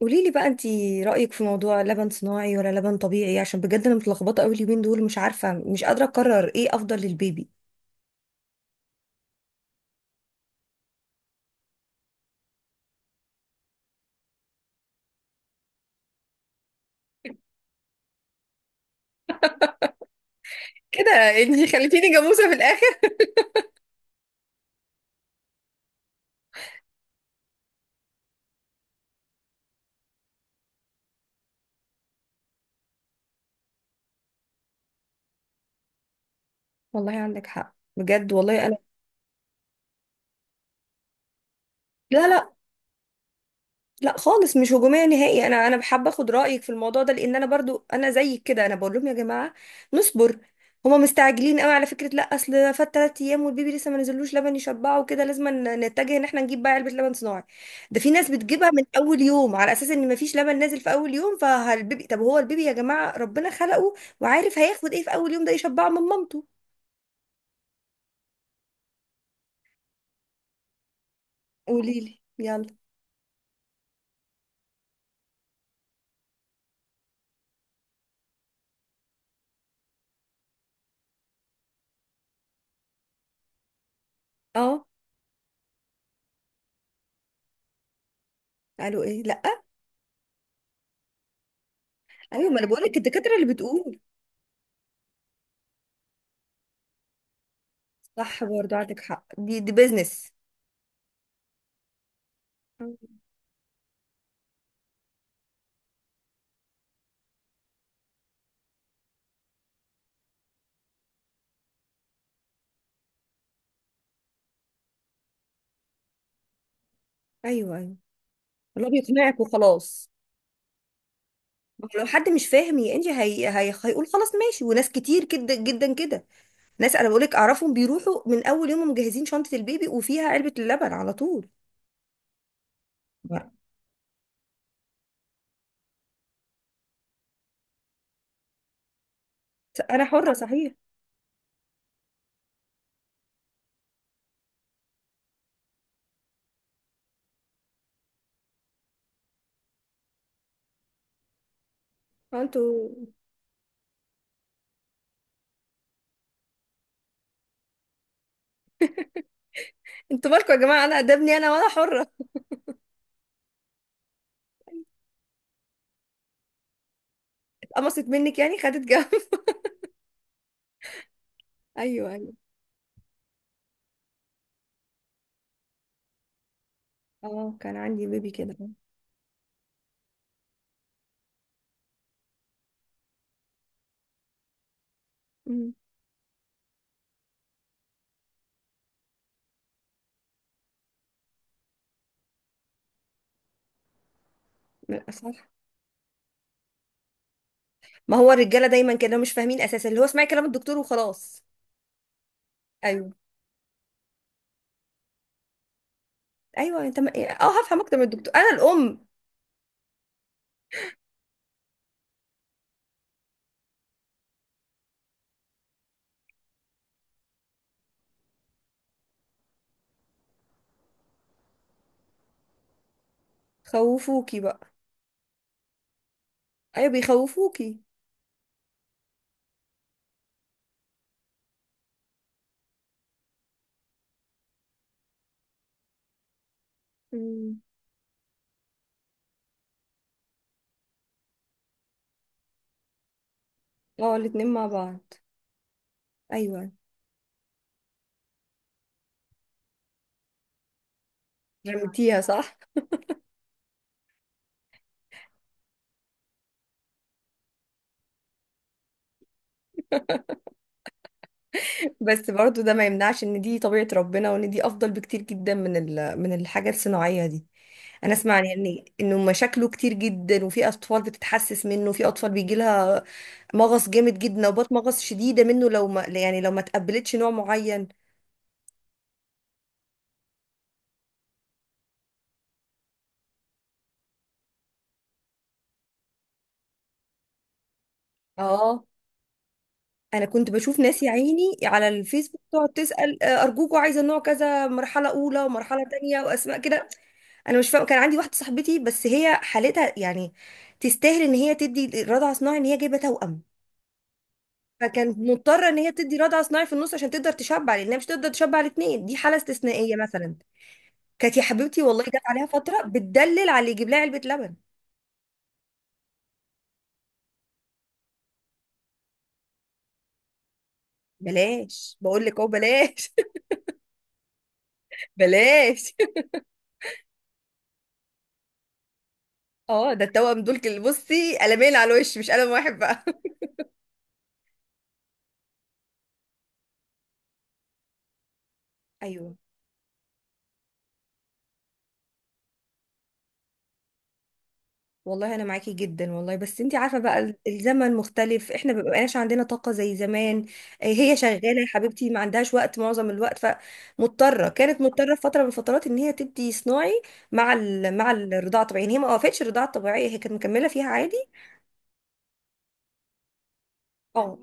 قولي لي بقى، انتي رأيك في موضوع لبن صناعي ولا لبن طبيعي؟ عشان بجد انا متلخبطة قوي اليومين دول، مش عارفة، مش قادرة اقرر ايه افضل للبيبي. كده؟ انتي خليتيني جاموسة في الاخر. والله عندك حق، بجد والله. انا... لا، لا، لا خالص، مش هجوميه نهائي. انا بحب اخد رايك في الموضوع ده، لان انا برضو انا زيك كده، انا بقول لهم يا جماعه نصبر. هما مستعجلين قوي على فكره. لا اصل ده فات 3 ايام والبيبي لسه ما نزلوش لبن يشبعه، وكده لازم نتجه ان احنا نجيب بقى علبه لبن صناعي. ده في ناس بتجيبها من اول يوم، على اساس ان ما فيش لبن نازل في اول يوم فالبيبي. طب هو البيبي يا جماعه ربنا خلقه، وعارف هياخد ايه في اول يوم ده يشبعه من مامته. قولي لي، يلا. اه. قالوا ايه؟ لا. ايوه، ما انا بقول لك الدكاتره اللي بتقول. صح، برضو عندك حق. دي بيزنس. مم. ايوه، ايوه. اللي هو بيقنعك وخلاص. ما هو لو حد مش فاهم يا انجي، هيقول خلاص ماشي. وناس كتير جدا جدا كده، ناس انا بقول لك اعرفهم، بيروحوا من اول يوم مجهزين شنطه البيبي وفيها علبه اللبن على طول. لا. انا حره، صحيح. هو انتوا... انتوا مالكم يا جماعه؟ انا قدامني، انا وانا حره. اتقمصت منك يعني، خدت جو. ايوه، ايوه. اه، كان عندي بيبي كده. امم. صح. ما هو الرجاله دايما كده مش فاهمين، اساسا اللي هو اسمعي كلام الدكتور وخلاص. ايوه، ايوه، انت ما... اه، هفهم اكتر من الدكتور، انا الام. خوفوكي بقى. ايوه، بيخوفوكي. مم. اه، الاتنين مع بعض. ايوه، رميتيها؟ صح. بس برضو ده ما يمنعش ان دي طبيعة ربنا، وان دي افضل بكتير جدا من الحاجة الصناعية دي. انا اسمع يعني ان يعني انه مشاكله كتير جدا، وفي اطفال بتتحسس منه، وفي اطفال بيجي لها مغص جامد جدا، نوبات مغص شديدة منه لو ما يعني لو ما تقبلتش نوع معين. اه. انا كنت بشوف ناس يا عيني على الفيسبوك تقعد تسأل، ارجوكوا عايزة نوع كذا، مرحلة اولى ومرحلة تانية واسماء كده. انا مش فاهمه. كان عندي واحده صاحبتي بس هي حالتها يعني تستاهل ان هي تدي رضع صناعي، ان هي جايبه توأم. فكانت مضطره ان هي تدي رضع صناعي في النص عشان تقدر تشبع، لانها مش تقدر تشبع الاثنين. دي حاله استثنائيه مثلا. كانت يا حبيبتي والله جت عليها فتره بتدلل على اللي يجيب لها علبه لبن. بلاش، بقول لك اهو، بلاش. بلاش. اه، ده التوأم دول بصي قلمين على الوش، مش قلم واحد بقى. ايوه. والله انا معاكي جدا والله، بس انت عارفه بقى الزمن مختلف، احنا ما بقاش عندنا طاقه زي زمان. هي شغاله يا حبيبتي ما عندهاش وقت معظم الوقت، كانت مضطره في فتره من الفترات ان هي تدي صناعي مع الرضاعه الطبيعيه، يعني هي ما وقفتش الرضاعه الطبيعيه، هي كانت مكمله فيها عادي. اه.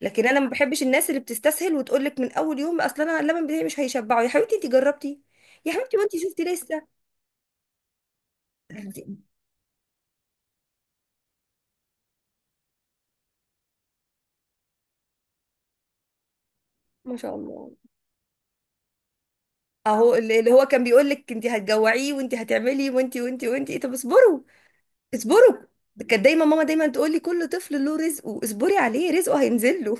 لكن انا ما بحبش الناس اللي بتستسهل وتقول لك من اول يوم اصلا انا اللبن بتاعي مش هيشبعه. يا حبيبتي انت جربتي؟ يا حبيبتي وانت شفتي لسه. ما شاء الله. اهو اللي هو كان بيقول لك انت هتجوعيه وانت هتعملي وانت وانت وانت، طب اصبروا، اصبروا. كانت دايما ماما دايما تقول لي: كل طفل له رزقه، اصبري عليه، رزقه هينزل له.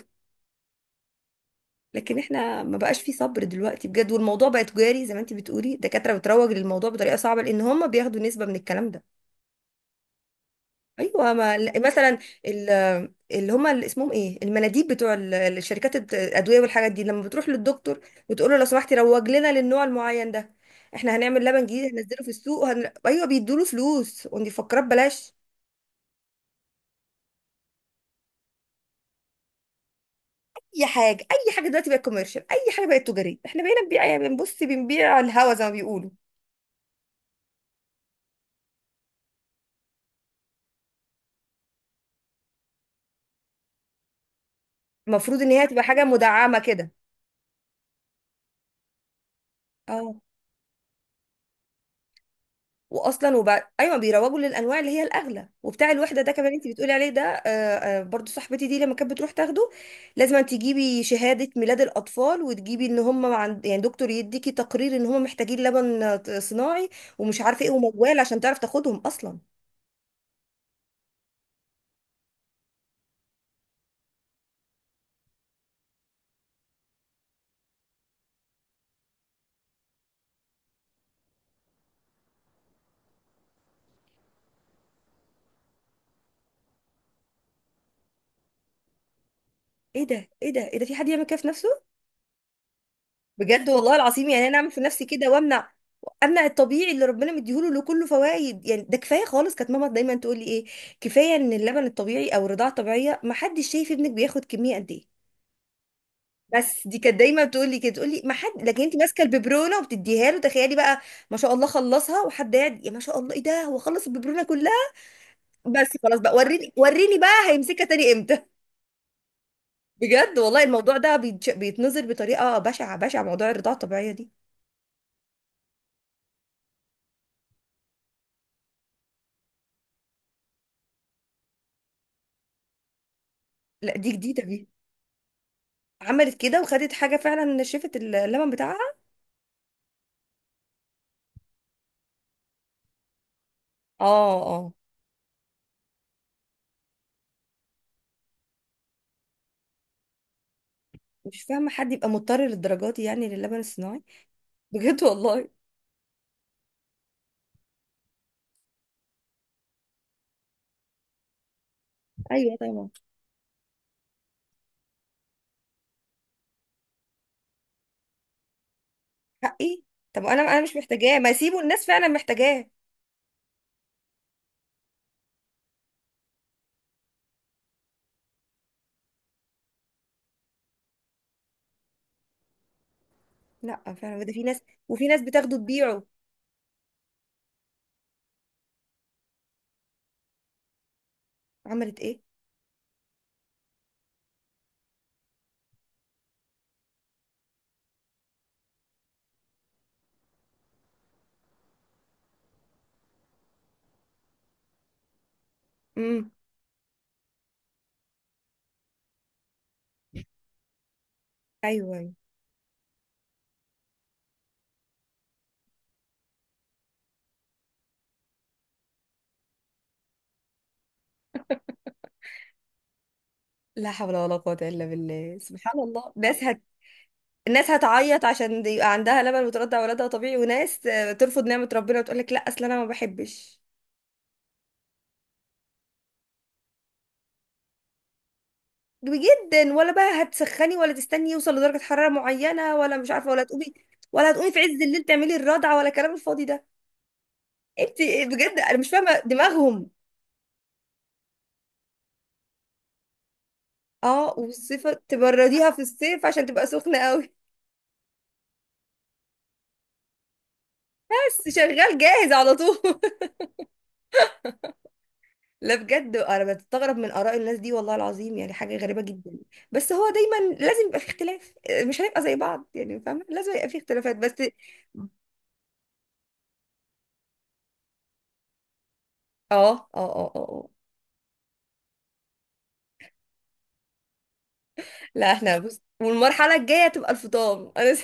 لكن احنا ما بقاش في صبر دلوقتي بجد، والموضوع بقى تجاري زي ما انت بتقولي. الدكاتره بتروج للموضوع بطريقه صعبه، لان هم بياخدوا نسبه من الكلام ده. ايوه، ما مثلا، اللي هم اللي اسمهم ايه، المناديب بتوع الشركات الادويه والحاجات دي، لما بتروح للدكتور وتقول له لو سمحتي روج لنا للنوع المعين ده، احنا هنعمل لبن جديد هننزله في السوق ايوه بيدوله فلوس، ودي فكرات، بلاش. اي حاجه، اي حاجه دلوقتي بقت كوميرشال، اي حاجه بقت تجاريه. احنا بقينا بنبيع، بنبص، بنبيع على الهوا زي ما بيقولوا. المفروض ان هي تبقى حاجه مدعمه كده. اه، واصلا وبعد ايوه، بيروجوا للانواع اللي هي الاغلى، وبتاع الوحده ده كمان انت بتقولي عليه ده، برضو صاحبتي دي لما كانت بتروح تاخده، لازم أن تجيبي شهاده ميلاد الاطفال، وتجيبي ان هم عند يعني دكتور يديكي تقرير ان هم محتاجين لبن صناعي، ومش عارفه ايه وموال عشان تعرف تاخدهم اصلا. ايه ده، ايه ده، ايه ده؟ في حد يعمل كده في نفسه؟ بجد والله العظيم. يعني انا اعمل في نفسي كده وامنع، امنع الطبيعي اللي ربنا مديهوله، له كله فوائد. يعني ده كفايه خالص. كانت ماما دايما تقول لي ايه، كفايه ان اللبن الطبيعي او الرضاعه الطبيعيه ما حدش شايف ابنك بياخد كميه قد ايه. بس دي كانت دايما بتقول لي كده، تقول لي ما حد، لكن انت ماسكه الببرونه وبتديها له، تخيلي بقى. ما شاء الله خلصها، وحد قاعد يا ما شاء الله ايه ده، هو خلص الببرونه كلها. بس خلاص بقى، وريني وريني بقى هيمسكها تاني امتى. بجد والله الموضوع ده بيتنظر بطريقه بشعه بشعه، موضوع الرضاعه الطبيعيه دي. لا، دي جديده دي. عملت كده وخدت حاجة فعلا نشفت اللبن بتاعها. اه، اه. مش فاهمة حد يبقى مضطر للدرجات دي يعني للبن الصناعي. بجد والله. ايوه، طبعا. حقي. طب انا مش محتاجاه، ما سيبوا الناس فعلا محتاجاه. لا فعلا، ده في ناس. وفي ناس بتاخده تبيعه. عملت ايه؟ امم. ايوه، أيوة. لا حول ولا قوة الا بالله، سبحان الله. ناس الناس هتعيط عشان يبقى عندها لبن وترضع ولادها طبيعي، وناس ترفض نعمة ربنا وتقول لك لا اصل انا ما بحبش. جدا. ولا بقى هتسخني ولا تستني يوصل لدرجة حرارة معينة ولا مش عارفة ولا تقومي، ولا هتقومي في عز الليل تعملي الرضعة ولا الكلام الفاضي ده. انت بجد انا مش فاهمة دماغهم. اه، والصيف تبرديها في الصيف عشان تبقى سخنة قوي. بس شغال جاهز على طول. لا بجد، انا بستغرب من آراء الناس دي والله العظيم، يعني حاجة غريبة جدا. بس هو دايما لازم يبقى في اختلاف. مش هنبقى زي بعض يعني، فاهمة، لازم يبقى في اختلافات بس. اه، اه، اه، اه، آه. لا احنا بص، والمرحلة الجاية تبقى الفطام، انا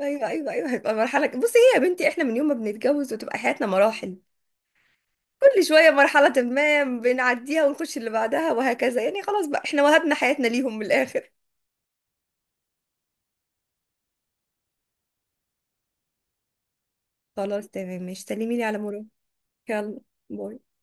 ايوه، ايوه، ايوه، هيبقى مرحله بصي هي يا بنتي، احنا من يوم ما بنتجوز وتبقى حياتنا مراحل، كل شويه مرحله ما بنعديها ونخش اللي بعدها وهكذا يعني، خلاص بقى احنا وهبنا حياتنا ليهم من الاخر. خلاص تمام، مش سلمي لي على مرور. يلا، باي.